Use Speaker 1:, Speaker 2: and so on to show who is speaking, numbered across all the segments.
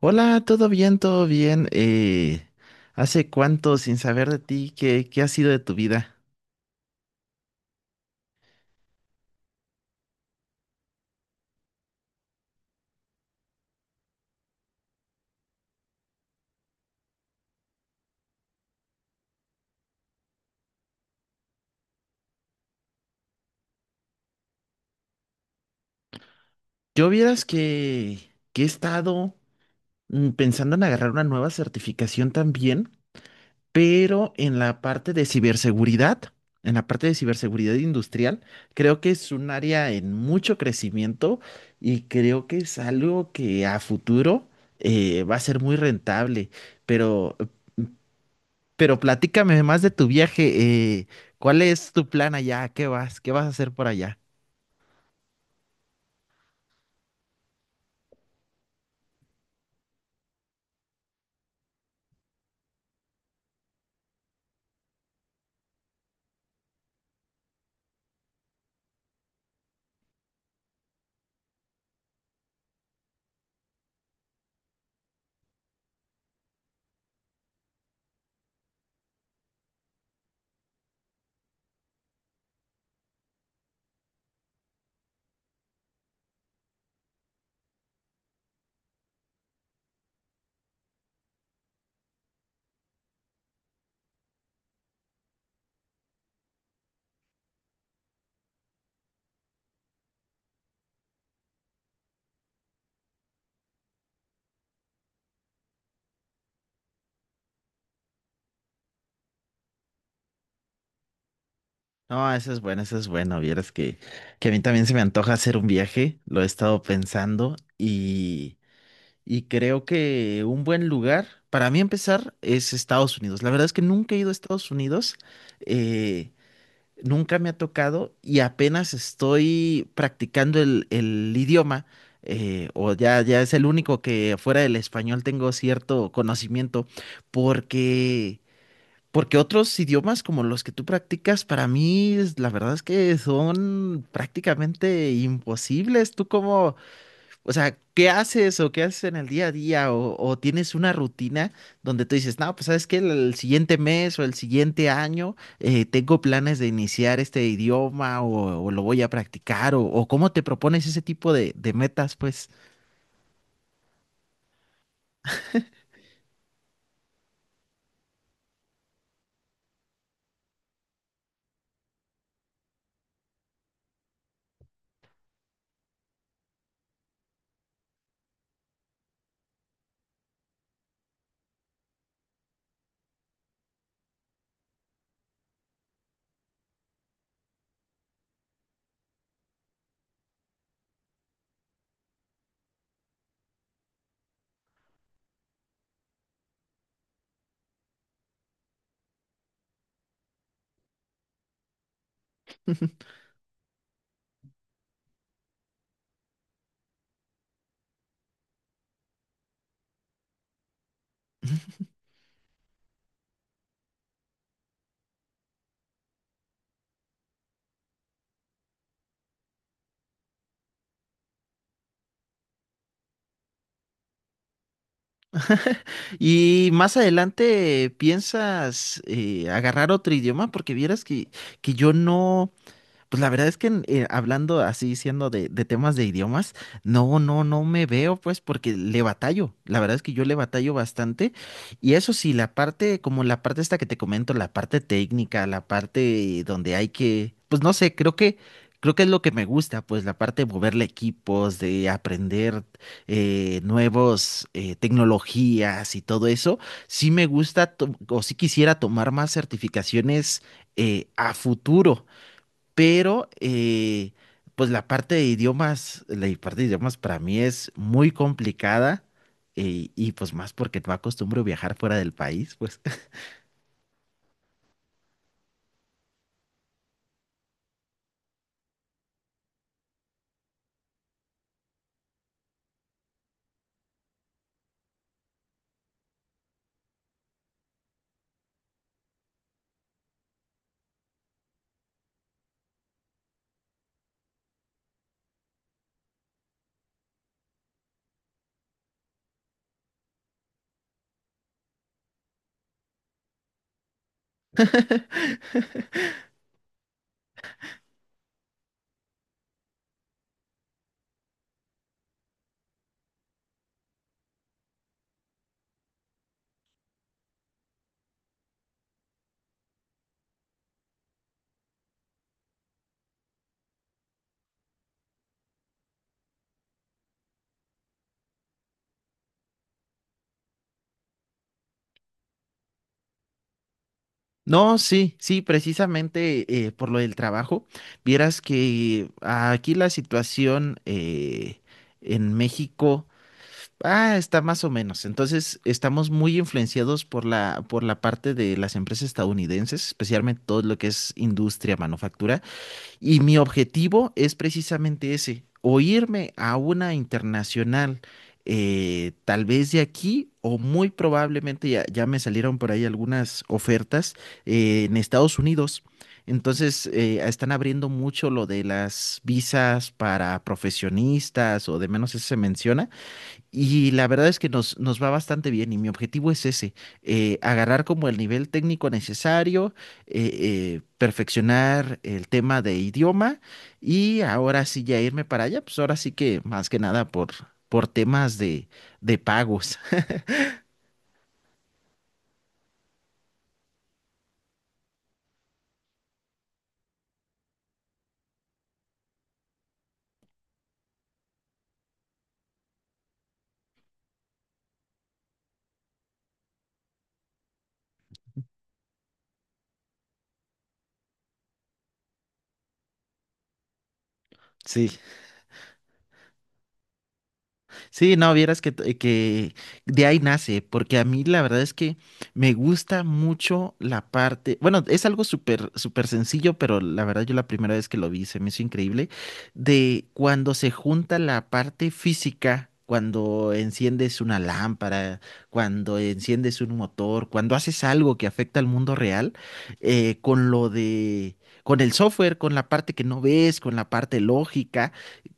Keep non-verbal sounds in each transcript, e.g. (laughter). Speaker 1: Hola, todo bien, todo bien. ¿Hace cuánto sin saber de ti? ¿¿Qué ha sido de tu vida? Yo vieras que he estado pensando en agarrar una nueva certificación también, pero en la parte de ciberseguridad, en la parte de ciberseguridad industrial, creo que es un área en mucho crecimiento y creo que es algo que a futuro va a ser muy rentable, pero Pero platícame más de tu viaje. ¿Cuál es tu plan allá? ¿Qué vas a hacer por allá? No, eso es bueno, eso es bueno. Vieras que a mí también se me antoja hacer un viaje. Lo he estado pensando y creo que un buen lugar para mí empezar es Estados Unidos. La verdad es que nunca he ido a Estados Unidos. eh, Nunca me ha tocado y apenas estoy practicando el idioma, o ya, ya es el único que fuera del español tengo cierto conocimiento, porque, porque otros idiomas como los que tú practicas, para mí la verdad es que son prácticamente imposibles. ¿Tú cómo, o sea, qué haces o qué haces en el día a día? O tienes una rutina donde tú dices, no, pues sabes que el siguiente mes o el siguiente año tengo planes de iniciar este idioma o lo voy a practicar o cómo te propones ese tipo de metas, pues. (laughs) ¿Y más adelante piensas agarrar otro idioma? Porque vieras que yo no. Pues la verdad es que hablando así, siendo de temas de idiomas, no, no, no me veo, pues, porque le batallo. La verdad es que yo le batallo bastante. Y eso sí, la parte, como la parte esta que te comento, la parte técnica, la parte donde hay que, pues no sé, creo creo que es lo que me gusta, pues la parte de moverle equipos, de aprender nuevos tecnologías y todo eso. Sí me gusta, o sí quisiera tomar más certificaciones a futuro, pero pues la parte de idiomas, la parte de idiomas para mí es muy complicada, y pues más porque no acostumbro viajar fuera del país, pues. (laughs) No, sí, sí, precisamente por lo del trabajo. Vieras que aquí la situación en México está más o menos. Entonces, estamos muy influenciados por la parte de las empresas estadounidenses, especialmente todo lo que es industria, manufactura. Y mi objetivo es precisamente ese, o irme a una internacional, tal vez de aquí, o muy probablemente ya, ya me salieron por ahí algunas ofertas en Estados Unidos. Entonces, están abriendo mucho lo de las visas para profesionistas o de menos eso se menciona. Y la verdad es que nos, nos va bastante bien y mi objetivo es ese, agarrar como el nivel técnico necesario, eh, perfeccionar el tema de idioma y ahora sí ya irme para allá, pues ahora sí que más que nada por, por temas de pagos. (laughs) Sí. Sí, no, vieras que, que de ahí nace, porque a mí la verdad es que me gusta mucho la parte, bueno, es algo súper, súper sencillo, pero la verdad yo la primera vez que lo vi se me hizo increíble, de cuando se junta la parte física, cuando enciendes una lámpara, cuando enciendes un motor, cuando haces algo que afecta al mundo real, con lo de, con el software, con la parte que no ves, con la parte lógica,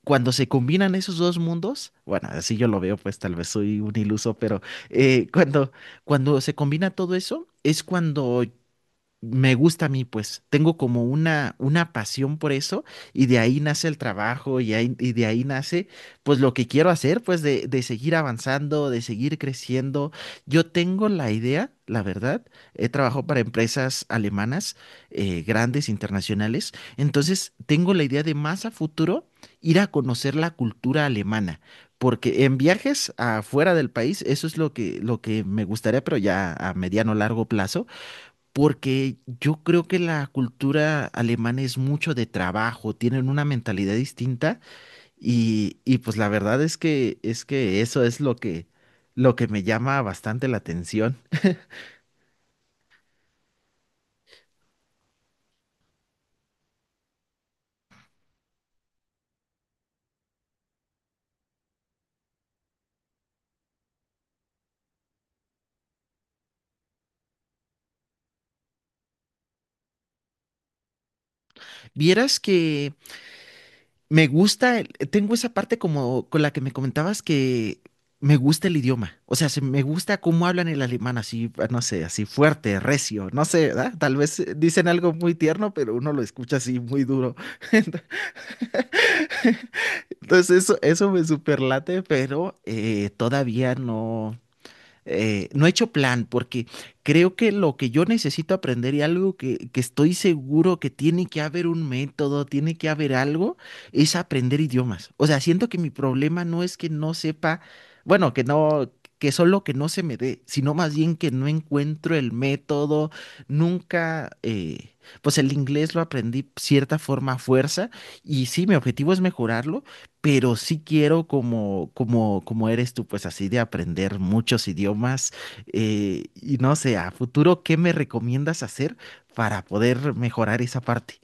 Speaker 1: cuando se combinan esos dos mundos, bueno, así yo lo veo, pues tal vez soy un iluso, pero eh, cuando, cuando se combina todo eso, es cuando me gusta a mí, pues tengo como una pasión por eso y de ahí nace el trabajo y de ahí nace pues lo que quiero hacer, pues de seguir avanzando, de seguir creciendo. Yo tengo la idea, la verdad, he trabajado para empresas alemanas grandes, internacionales, entonces tengo la idea de más a futuro ir a conocer la cultura alemana. Porque en viajes afuera del país, eso es lo que me gustaría, pero ya a mediano largo plazo, porque yo creo que la cultura alemana es mucho de trabajo, tienen una mentalidad distinta y pues la verdad es que eso es lo que me llama bastante la atención. Vieras que me gusta, tengo esa parte como con la que me comentabas que me gusta el idioma, o sea, se me gusta cómo hablan el alemán así, no sé, así fuerte, recio, no sé, ¿verdad? Tal vez dicen algo muy tierno, pero uno lo escucha así muy duro. (laughs) Entonces eso me superlate, pero todavía no, no he hecho plan porque creo que lo que yo necesito aprender y algo que estoy seguro que tiene que haber un método, tiene que haber algo, es aprender idiomas. O sea, siento que mi problema no es que no sepa, bueno, que no, que solo que no se me dé, sino más bien que no encuentro el método, nunca, pues el inglés lo aprendí cierta forma a fuerza. Y sí, mi objetivo es mejorarlo, pero sí quiero como, como, como eres tú, pues así de aprender muchos idiomas, y no sé, a futuro, ¿qué me recomiendas hacer para poder mejorar esa parte?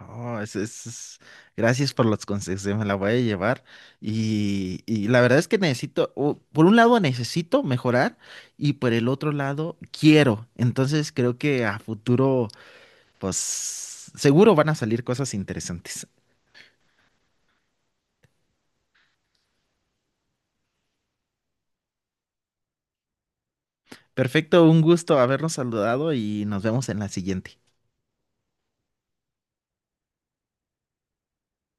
Speaker 1: Oh, gracias por los consejos, me la voy a llevar y la verdad es que necesito, o, por un lado necesito mejorar y por el otro lado quiero, entonces creo que a futuro, pues seguro van a salir cosas interesantes. Perfecto, un gusto habernos saludado y nos vemos en la siguiente.